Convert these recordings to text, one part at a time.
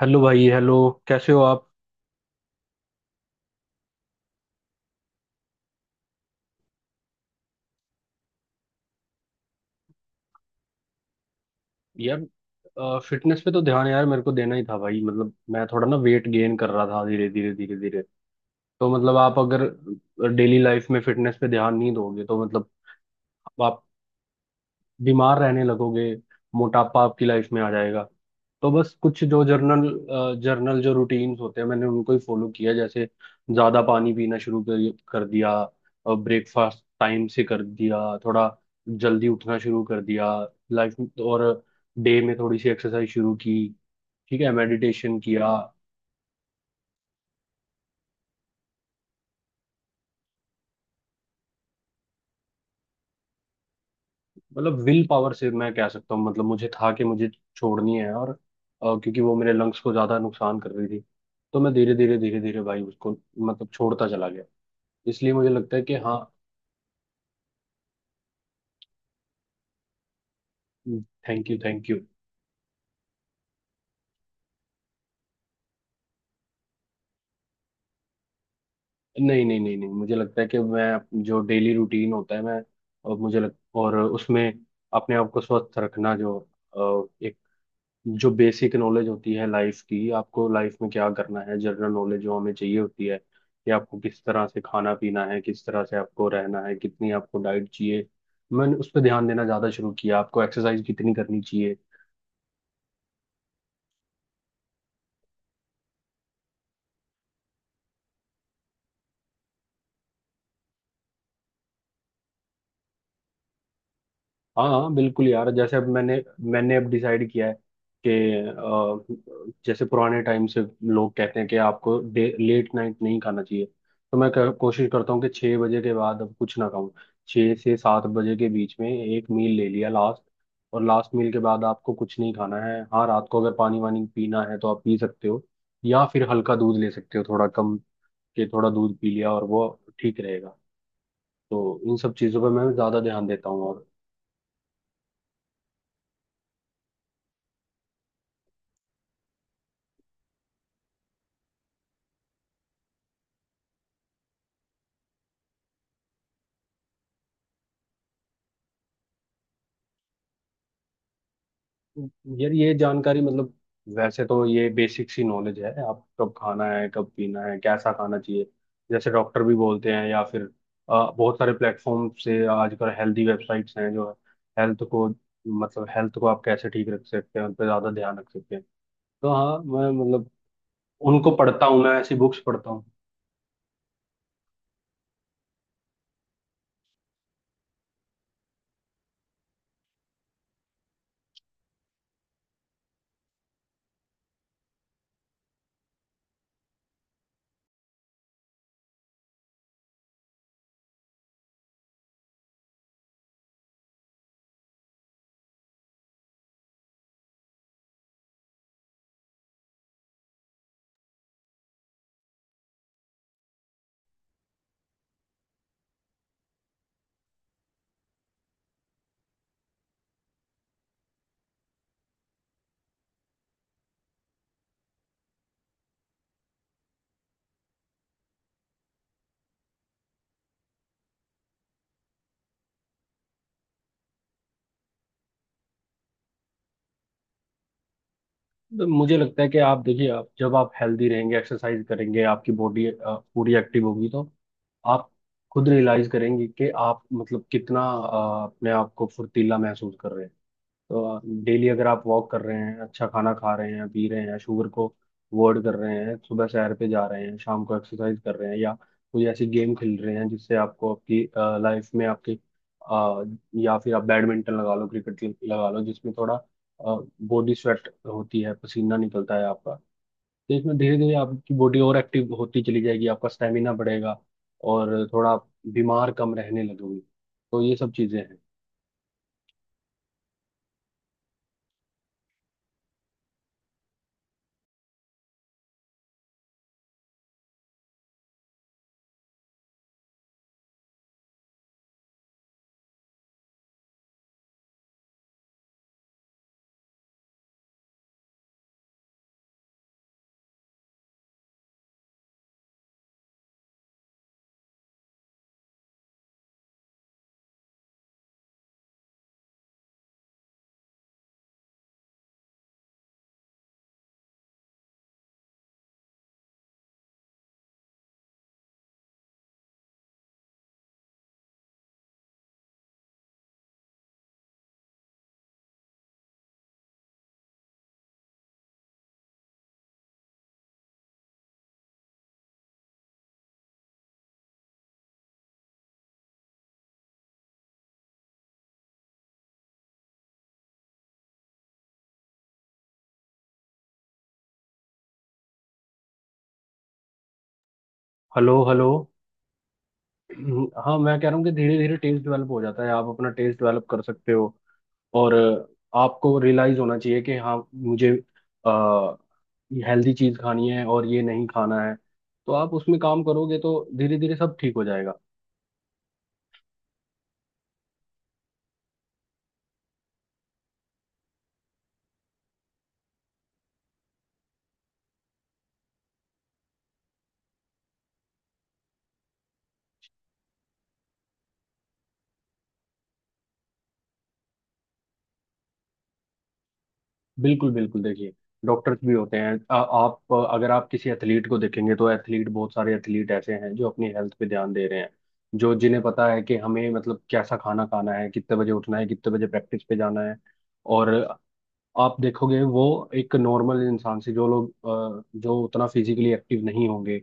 Hello भाई hello. कैसे हो आप? यार, फिटनेस पे तो ध्यान यार मेरे को देना ही था भाई। मतलब मैं थोड़ा ना वेट गेन कर रहा था धीरे धीरे धीरे धीरे। तो मतलब आप अगर डेली लाइफ में फिटनेस पे ध्यान नहीं दोगे तो मतलब आप बीमार रहने लगोगे। मोटापा आपकी लाइफ में आ जाएगा। तो बस कुछ जो जर्नल जर्नल जो रूटीन्स होते हैं मैंने उनको ही फॉलो किया। जैसे ज्यादा पानी पीना शुरू कर दिया। ब्रेकफास्ट टाइम से कर दिया। थोड़ा जल्दी उठना शुरू कर दिया। लाइफ और डे में थोड़ी सी एक्सरसाइज शुरू की। ठीक है, मेडिटेशन किया। मतलब विल पावर से मैं कह सकता हूँ। मतलब मुझे था कि मुझे छोड़नी है। और क्योंकि वो मेरे लंग्स को ज्यादा नुकसान कर रही थी। तो मैं धीरे धीरे धीरे धीरे भाई उसको मतलब छोड़ता चला गया। इसलिए मुझे लगता है कि हाँ। Thank you, thank you. नहीं नहीं नहीं नहीं, मुझे लगता है कि मैं जो डेली रूटीन होता है मैं, और और उसमें अपने आप को स्वस्थ रखना। जो जो बेसिक नॉलेज होती है लाइफ की, आपको लाइफ में क्या करना है, जनरल नॉलेज जो हमें चाहिए होती है कि आपको किस तरह से खाना पीना है, किस तरह से आपको रहना है, कितनी आपको डाइट चाहिए। मैंने उस पर ध्यान देना ज़्यादा शुरू किया, आपको एक्सरसाइज कितनी करनी चाहिए। हाँ हाँ बिल्कुल यार। जैसे अब मैंने मैंने अब डिसाइड किया है कि जैसे पुराने टाइम से लोग कहते हैं कि आपको लेट नाइट नहीं खाना चाहिए। तो मैं कोशिश करता हूँ कि 6 बजे के बाद अब कुछ ना खाऊं। 6 से 7 बजे के बीच में एक मील ले लिया लास्ट। और लास्ट मील के बाद आपको कुछ नहीं खाना है। हाँ रात को अगर पानी वानी पीना है तो आप पी सकते हो। या फिर हल्का दूध ले सकते हो, थोड़ा कम के थोड़ा दूध पी लिया और वो ठीक रहेगा। तो इन सब चीज़ों पर मैं ज़्यादा ध्यान देता हूँ। यार ये जानकारी मतलब, वैसे तो ये बेसिक सी नॉलेज है। आप कब खाना है कब पीना है कैसा खाना चाहिए, जैसे डॉक्टर भी बोलते हैं या फिर बहुत सारे प्लेटफॉर्म से आजकल हेल्दी वेबसाइट्स हैं जो हेल्थ को मतलब हेल्थ को आप कैसे ठीक रख सकते हैं उन पर ज़्यादा ध्यान रख सकते हैं। तो हाँ मैं मतलब उनको पढ़ता हूँ, मैं ऐसी बुक्स पढ़ता हूँ। मुझे लगता है कि आप देखिए, आप जब आप हेल्दी रहेंगे एक्सरसाइज करेंगे आपकी बॉडी पूरी एक्टिव होगी तो आप खुद रियलाइज करेंगे कि आप मतलब कितना अपने आप को फुर्तीला महसूस कर रहे हैं। तो डेली अगर आप वॉक कर रहे हैं अच्छा खाना खा रहे हैं पी रहे हैं, शुगर को अवॉइड कर रहे हैं, सुबह सैर पे जा रहे हैं, शाम को एक्सरसाइज कर रहे हैं या कोई ऐसी गेम खेल रहे हैं जिससे आपको आपकी लाइफ में आपकी अ, या फिर आप बैडमिंटन लगा लो क्रिकेट लगा लो जिसमें थोड़ा बॉडी स्वेट होती है पसीना निकलता है आपका। तो इसमें धीरे धीरे आपकी बॉडी और एक्टिव होती चली जाएगी, आपका स्टेमिना बढ़ेगा, और थोड़ा आप बीमार कम रहने लगोगे। तो ये सब चीज़ें हैं। Hello hello. हाँ, मैं कह रहा हूँ कि धीरे धीरे टेस्ट डेवलप हो जाता है, आप अपना टेस्ट डेवलप कर सकते हो। और आपको रियलाइज होना चाहिए कि हाँ मुझे आ, हेल्दी चीज खानी है और ये नहीं खाना है। तो आप उसमें काम करोगे तो धीरे धीरे सब ठीक हो जाएगा। बिल्कुल बिल्कुल देखिए। डॉक्टर्स भी होते हैं। आप अगर आप किसी एथलीट को देखेंगे तो एथलीट, बहुत सारे एथलीट ऐसे हैं जो अपनी हेल्थ पे ध्यान दे रहे हैं। जो जिन्हें पता है कि हमें मतलब कैसा खाना खाना है, कितने बजे उठना है, कितने बजे प्रैक्टिस पे जाना है। और आप देखोगे वो एक नॉर्मल इंसान से, जो लोग जो उतना फिजिकली एक्टिव नहीं होंगे,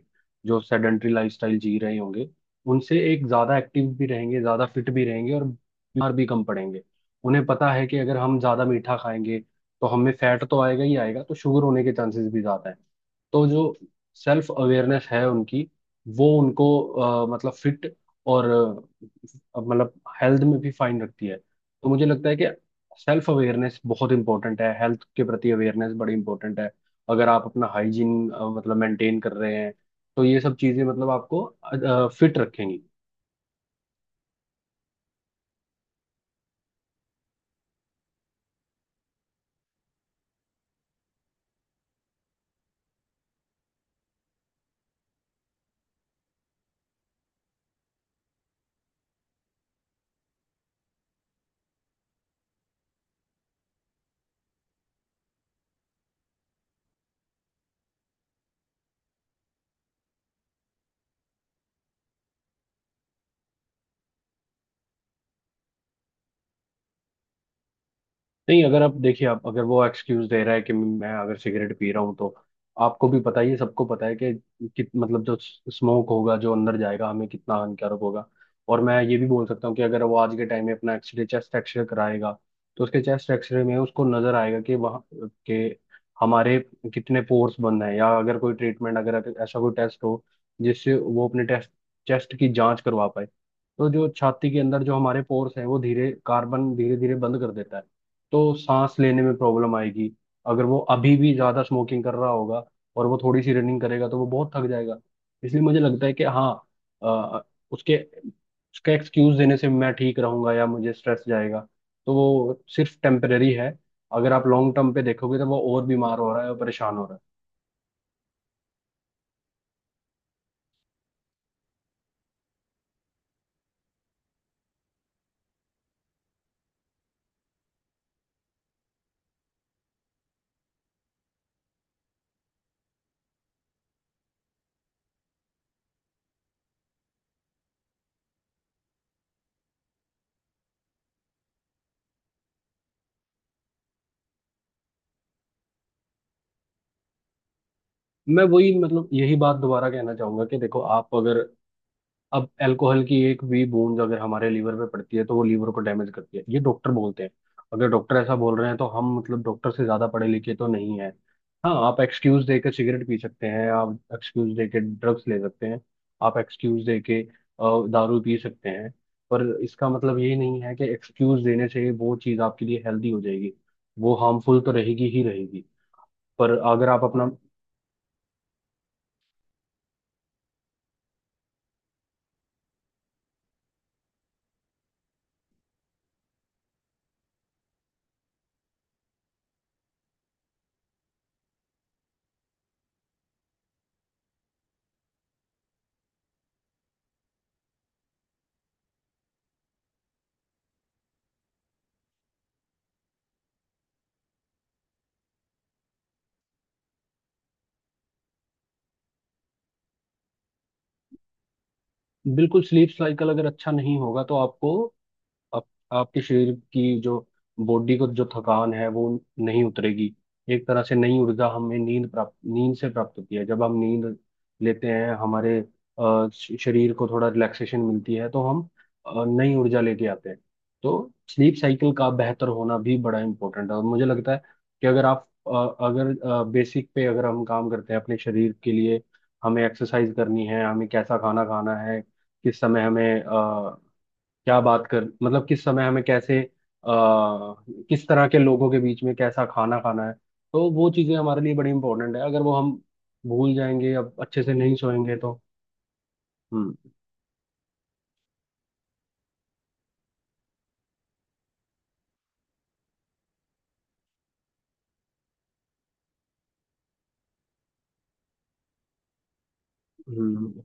जो सेडेंट्री लाइफस्टाइल जी रहे होंगे, उनसे एक ज्यादा एक्टिव भी रहेंगे, ज्यादा फिट भी रहेंगे और बीमार भी कम पड़ेंगे। उन्हें पता है कि अगर हम ज्यादा मीठा खाएंगे तो हमें फैट तो आएगा ही आएगा, तो शुगर होने के चांसेस भी ज्यादा है। तो जो सेल्फ अवेयरनेस है उनकी, वो उनको मतलब फिट और मतलब हेल्थ में भी फाइन रखती है। तो मुझे लगता है कि सेल्फ अवेयरनेस बहुत इंपॉर्टेंट है, हेल्थ के प्रति अवेयरनेस बड़ी इंपॉर्टेंट है। अगर आप अपना हाइजीन मतलब मेंटेन कर रहे हैं तो ये सब चीजें मतलब आपको फिट रखेंगी। नहीं अगर आप देखिए, आप अगर वो एक्सक्यूज दे रहा है कि मैं अगर सिगरेट पी रहा हूँ तो आपको भी पता ही है, सबको पता है कि कित मतलब जो स्मोक होगा जो अंदर जाएगा हमें कितना हानिकारक होगा। और मैं ये भी बोल सकता हूँ कि अगर वो आज के टाइम में अपना एक्सरे, चेस्ट एक्सरे कराएगा तो उसके चेस्ट एक्सरे में उसको नजर आएगा कि वहाँ के हमारे कितने पोर्स बंद हैं, या अगर कोई ट्रीटमेंट, अगर ऐसा कोई टेस्ट हो जिससे वो अपने टेस्ट चेस्ट की जांच करवा पाए तो जो छाती के अंदर जो हमारे पोर्स हैं वो धीरे कार्बन धीरे धीरे बंद कर देता है। तो सांस लेने में प्रॉब्लम आएगी अगर वो अभी भी ज्यादा स्मोकिंग कर रहा होगा, और वो थोड़ी सी रनिंग करेगा तो वो बहुत थक जाएगा। इसलिए मुझे लगता है कि हाँ, अ, उसके उसका एक्सक्यूज देने से मैं ठीक रहूंगा या मुझे स्ट्रेस जाएगा तो वो सिर्फ टेम्परेरी है। अगर आप लॉन्ग टर्म पे देखोगे तो वो और बीमार हो रहा है और परेशान हो रहा है। मैं वही मतलब यही बात दोबारा कहना चाहूंगा कि देखो आप अगर अब अल्कोहल की एक भी बूंद अगर हमारे लीवर पे पड़ती है तो वो लीवर को डैमेज करती है, ये डॉक्टर बोलते हैं। अगर डॉक्टर ऐसा बोल रहे हैं तो हम मतलब डॉक्टर से ज्यादा पढ़े लिखे तो नहीं है। हाँ आप एक्सक्यूज देके सिगरेट पी सकते हैं, आप एक्सक्यूज देके ड्रग्स ले सकते हैं, आप एक्सक्यूज देके दारू पी सकते हैं। पर इसका मतलब ये नहीं है कि एक्सक्यूज देने से वो चीज आपके लिए हेल्दी हो जाएगी। वो हार्मफुल तो रहेगी ही रहेगी। पर अगर आप अपना बिल्कुल स्लीप साइकिल अगर अच्छा नहीं होगा तो आपको आप, आपके शरीर की जो बॉडी को जो थकान है वो नहीं उतरेगी। एक तरह से नई ऊर्जा हमें नींद प्राप्त, नींद से प्राप्त होती है जब हम नींद लेते हैं। हमारे शरीर को थोड़ा रिलैक्सेशन मिलती है तो हम नई ऊर्जा लेके आते हैं। तो स्लीप साइकिल का बेहतर होना भी बड़ा इम्पोर्टेंट है, और मुझे लगता है कि अगर आप अगर बेसिक पे अगर हम काम करते हैं अपने शरीर के लिए। हमें एक्सरसाइज करनी है, हमें कैसा खाना खाना है, किस समय हमें क्या बात कर मतलब किस समय हमें कैसे किस तरह के लोगों के बीच में कैसा खाना खाना है। तो वो चीजें हमारे लिए बड़ी इंपॉर्टेंट है। अगर वो हम भूल जाएंगे या अच्छे से नहीं सोएंगे तो। हम्म हम्म हम्म।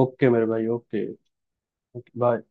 ओके मेरे भाई, ओके। बाय।